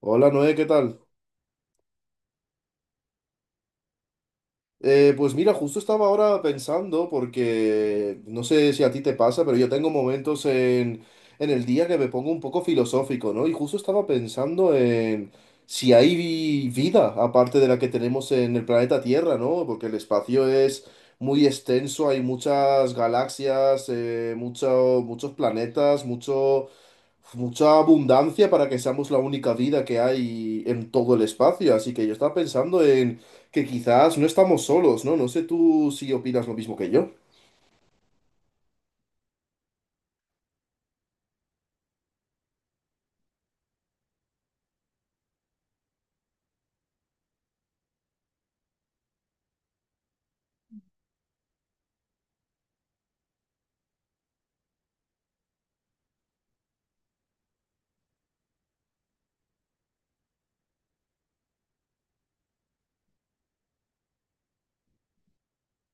Hola Noé, ¿qué tal? Pues mira, justo estaba ahora pensando porque no sé si a ti te pasa, pero yo tengo momentos en el día que me pongo un poco filosófico, ¿no? Y justo estaba pensando en si hay vida aparte de la que tenemos en el planeta Tierra, ¿no? Porque el espacio es muy extenso, hay muchas galaxias, muchos planetas, mucha abundancia para que seamos la única vida que hay en todo el espacio. Así que yo estaba pensando en que quizás no estamos solos, ¿no? No sé tú si opinas lo mismo que yo.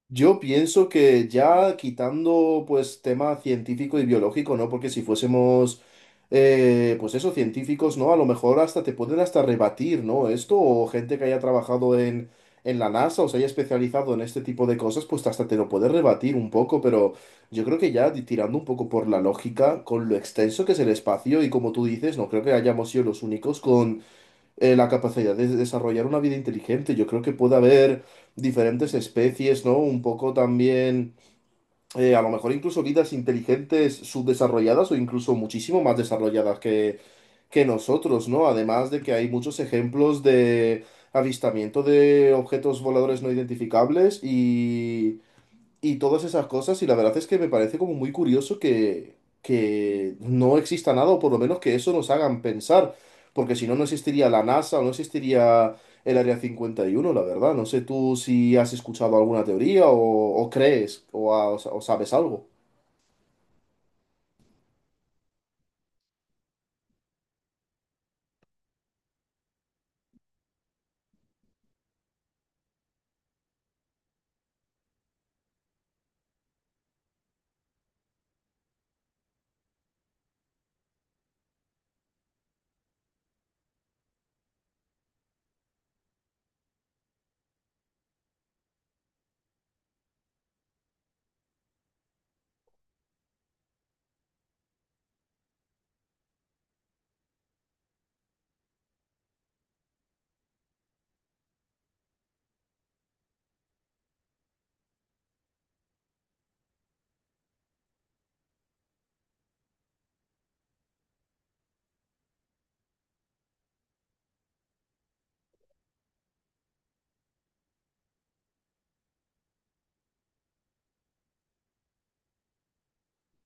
Yo pienso que ya quitando pues tema científico y biológico, ¿no? Porque si fuésemos pues eso, científicos, ¿no? A lo mejor hasta te pueden hasta rebatir, ¿no? Esto o gente que haya trabajado en la NASA o se haya especializado en este tipo de cosas, pues hasta te lo puede rebatir un poco, pero yo creo que ya tirando un poco por la lógica, con lo extenso que es el espacio y como tú dices, no creo que hayamos sido los únicos con la capacidad de desarrollar una vida inteligente. Yo creo que puede haber diferentes especies, ¿no? Un poco también, a lo mejor incluso vidas inteligentes subdesarrolladas o incluso muchísimo más desarrolladas que nosotros, ¿no? Además de que hay muchos ejemplos de avistamiento de objetos voladores no identificables y todas esas cosas, y la verdad es que me parece como muy curioso que no exista nada, o por lo menos que eso nos hagan pensar, porque si no, no existiría la NASA, o no existiría el Área 51 la verdad. No sé tú si has escuchado alguna teoría o crees o sabes algo.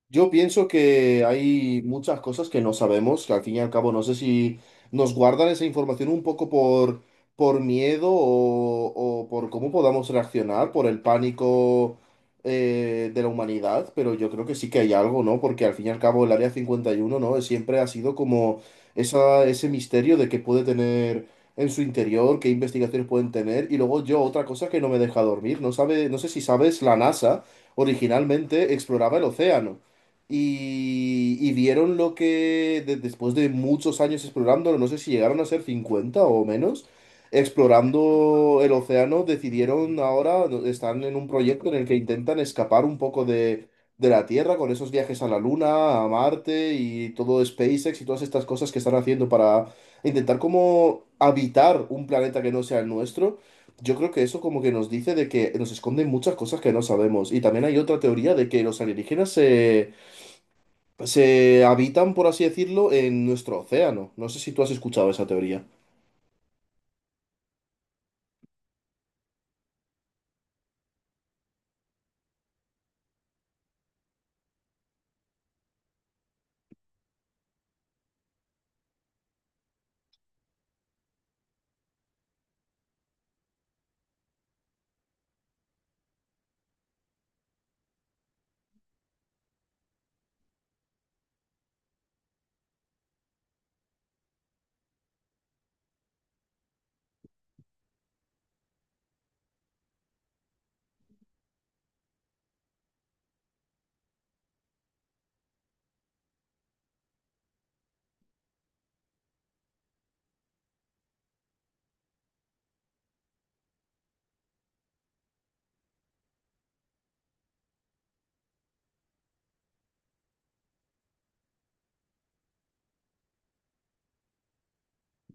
Yo pienso que hay muchas cosas que no sabemos, que al fin y al cabo no sé si nos guardan esa información un poco por miedo o por cómo podamos reaccionar, por el pánico de la humanidad, pero yo creo que sí que hay algo, ¿no? Porque al fin y al cabo el Área 51, ¿no? Siempre ha sido como ese misterio de qué puede tener en su interior, qué investigaciones pueden tener, y luego yo otra cosa que no me deja dormir, no sé si sabes, la NASA originalmente exploraba el océano y vieron lo que después de muchos años explorándolo, no sé si llegaron a ser 50 o menos, explorando el océano, decidieron ahora, están en un proyecto en el que intentan escapar un poco de la Tierra con esos viajes a la Luna, a Marte y todo SpaceX y todas estas cosas que están haciendo para intentar como habitar un planeta que no sea el nuestro. Yo creo que eso como que nos dice de que nos esconden muchas cosas que no sabemos. Y también hay otra teoría de que los alienígenas se habitan, por así decirlo, en nuestro océano. No sé si tú has escuchado esa teoría.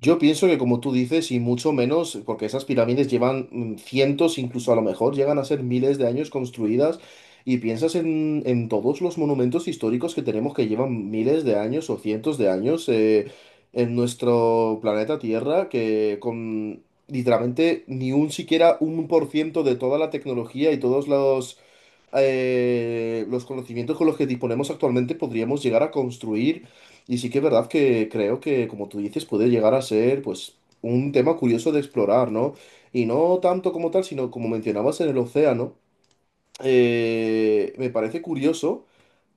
Yo pienso que, como tú dices, y mucho menos, porque esas pirámides llevan cientos, incluso a lo mejor llegan a ser miles de años construidas, y piensas en todos los monumentos históricos que tenemos que llevan miles de años o cientos de años en nuestro planeta Tierra, que con literalmente ni un siquiera 1% de toda la tecnología y todos los conocimientos con los que disponemos actualmente podríamos llegar a construir. Y sí que es verdad que creo que, como tú dices, puede llegar a ser, pues, un tema curioso de explorar, ¿no? Y no tanto como tal, sino como mencionabas en el océano. Me parece curioso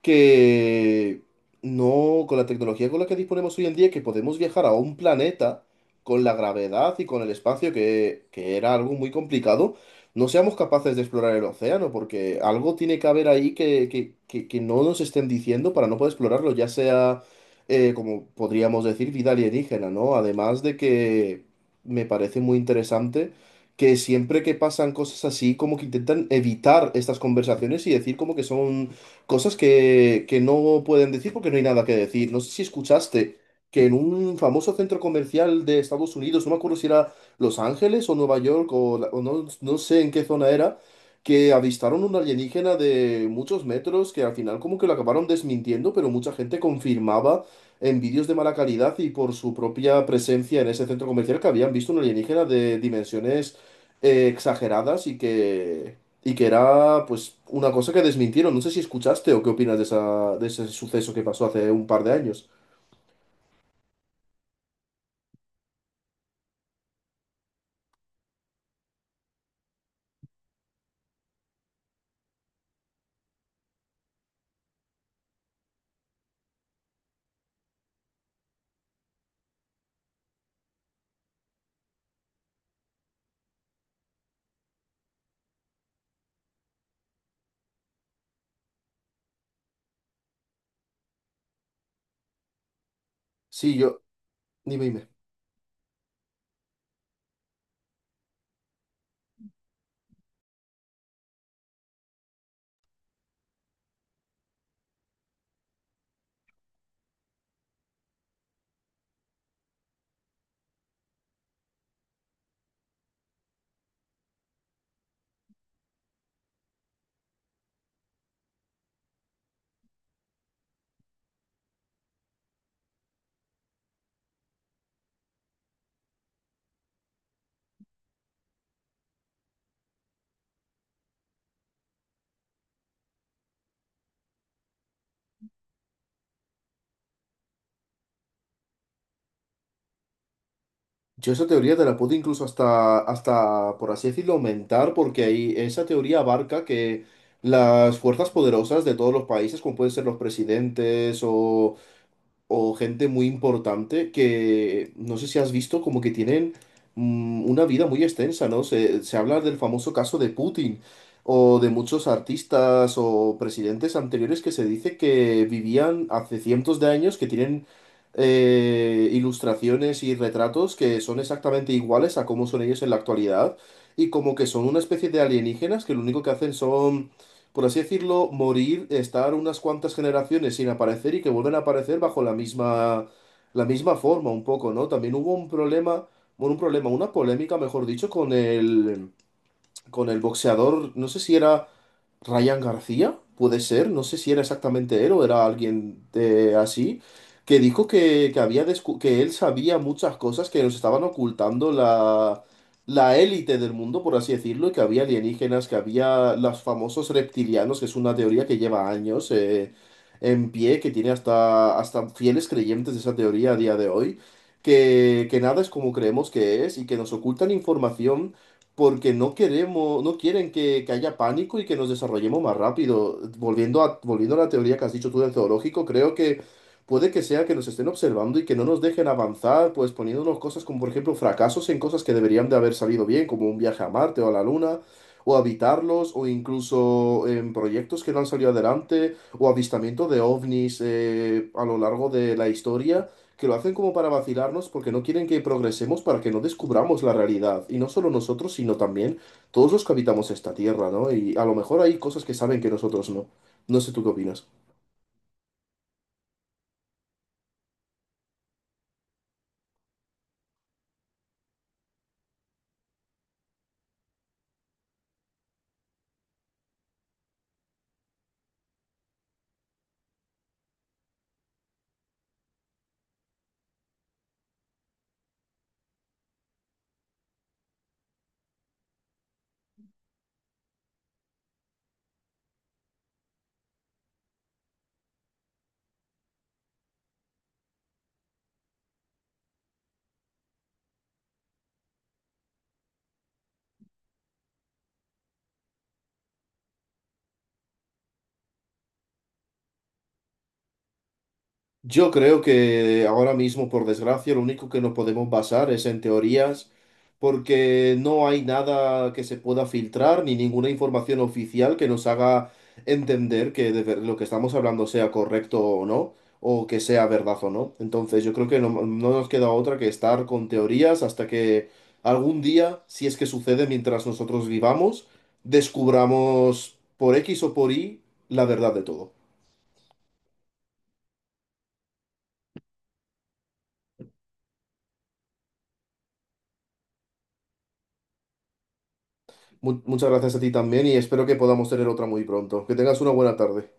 que no, con la tecnología con la que disponemos hoy en día, que podemos viajar a un planeta con la gravedad y con el espacio, que era algo muy complicado, no seamos capaces de explorar el océano, porque algo tiene que haber ahí que no nos estén diciendo para no poder explorarlo, ya sea, como podríamos decir, vida alienígena, ¿no? Además de que me parece muy interesante que siempre que pasan cosas así, como que intentan evitar estas conversaciones y decir como que son cosas que no pueden decir porque no hay nada que decir. No sé si escuchaste que en un famoso centro comercial de Estados Unidos, no me acuerdo si era Los Ángeles o Nueva York o no, no sé en qué zona era, que avistaron un alienígena de muchos metros que al final como que lo acabaron desmintiendo, pero mucha gente confirmaba en vídeos de mala calidad y por su propia presencia en ese centro comercial que habían visto un alienígena de dimensiones exageradas y que y que era, pues, una cosa que desmintieron. No sé si escuchaste o qué opinas de ese suceso que pasó hace un par de años. Sí, yo, dime, dime. Yo esa teoría te la puedo incluso hasta, por así decirlo, aumentar, porque ahí esa teoría abarca que las fuerzas poderosas de todos los países, como pueden ser los presidentes o gente muy importante que no sé si has visto como que tienen una vida muy extensa, ¿no? Se habla del famoso caso de Putin o de muchos artistas o presidentes anteriores que se dice que vivían hace cientos de años, que tienen ilustraciones y retratos que son exactamente iguales a cómo son ellos en la actualidad y como que son una especie de alienígenas que lo único que hacen son, por así decirlo, morir, estar unas cuantas generaciones sin aparecer y que vuelven a aparecer bajo la misma forma, un poco, ¿no? También hubo un problema, bueno, un problema, una polémica, mejor dicho, con el boxeador, no sé si era Ryan García, puede ser, no sé si era exactamente él o era alguien así, que dijo que él sabía muchas cosas que nos estaban ocultando la élite del mundo, por así decirlo, y que había alienígenas, que había los famosos reptilianos, que es una teoría que lleva años en pie, que tiene hasta, hasta fieles creyentes de esa teoría a día de hoy, que nada es como creemos que es y que nos ocultan información porque no quieren que haya pánico y que nos desarrollemos más rápido. Volviendo a la teoría que has dicho tú del zoológico, creo que puede que sea que nos estén observando y que no nos dejen avanzar, pues poniéndonos cosas como, por ejemplo, fracasos en cosas que deberían de haber salido bien, como un viaje a Marte o a la Luna, o habitarlos, o incluso en proyectos que no han salido adelante, o avistamiento de ovnis a lo largo de la historia que lo hacen como para vacilarnos porque no quieren que progresemos para que no descubramos la realidad. Y no solo nosotros, sino también todos los que habitamos esta tierra, ¿no? Y a lo mejor hay cosas que saben que nosotros no. No sé tú qué opinas. Yo creo que ahora mismo, por desgracia, lo único que nos podemos basar es en teorías, porque no hay nada que se pueda filtrar ni ninguna información oficial que nos haga entender que lo que estamos hablando sea correcto o no, o que sea verdad o no. Entonces, yo creo que no nos queda otra que estar con teorías hasta que algún día, si es que sucede mientras nosotros vivamos, descubramos por X o por Y la verdad de todo. Muchas gracias a ti también y espero que podamos tener otra muy pronto. Que tengas una buena tarde.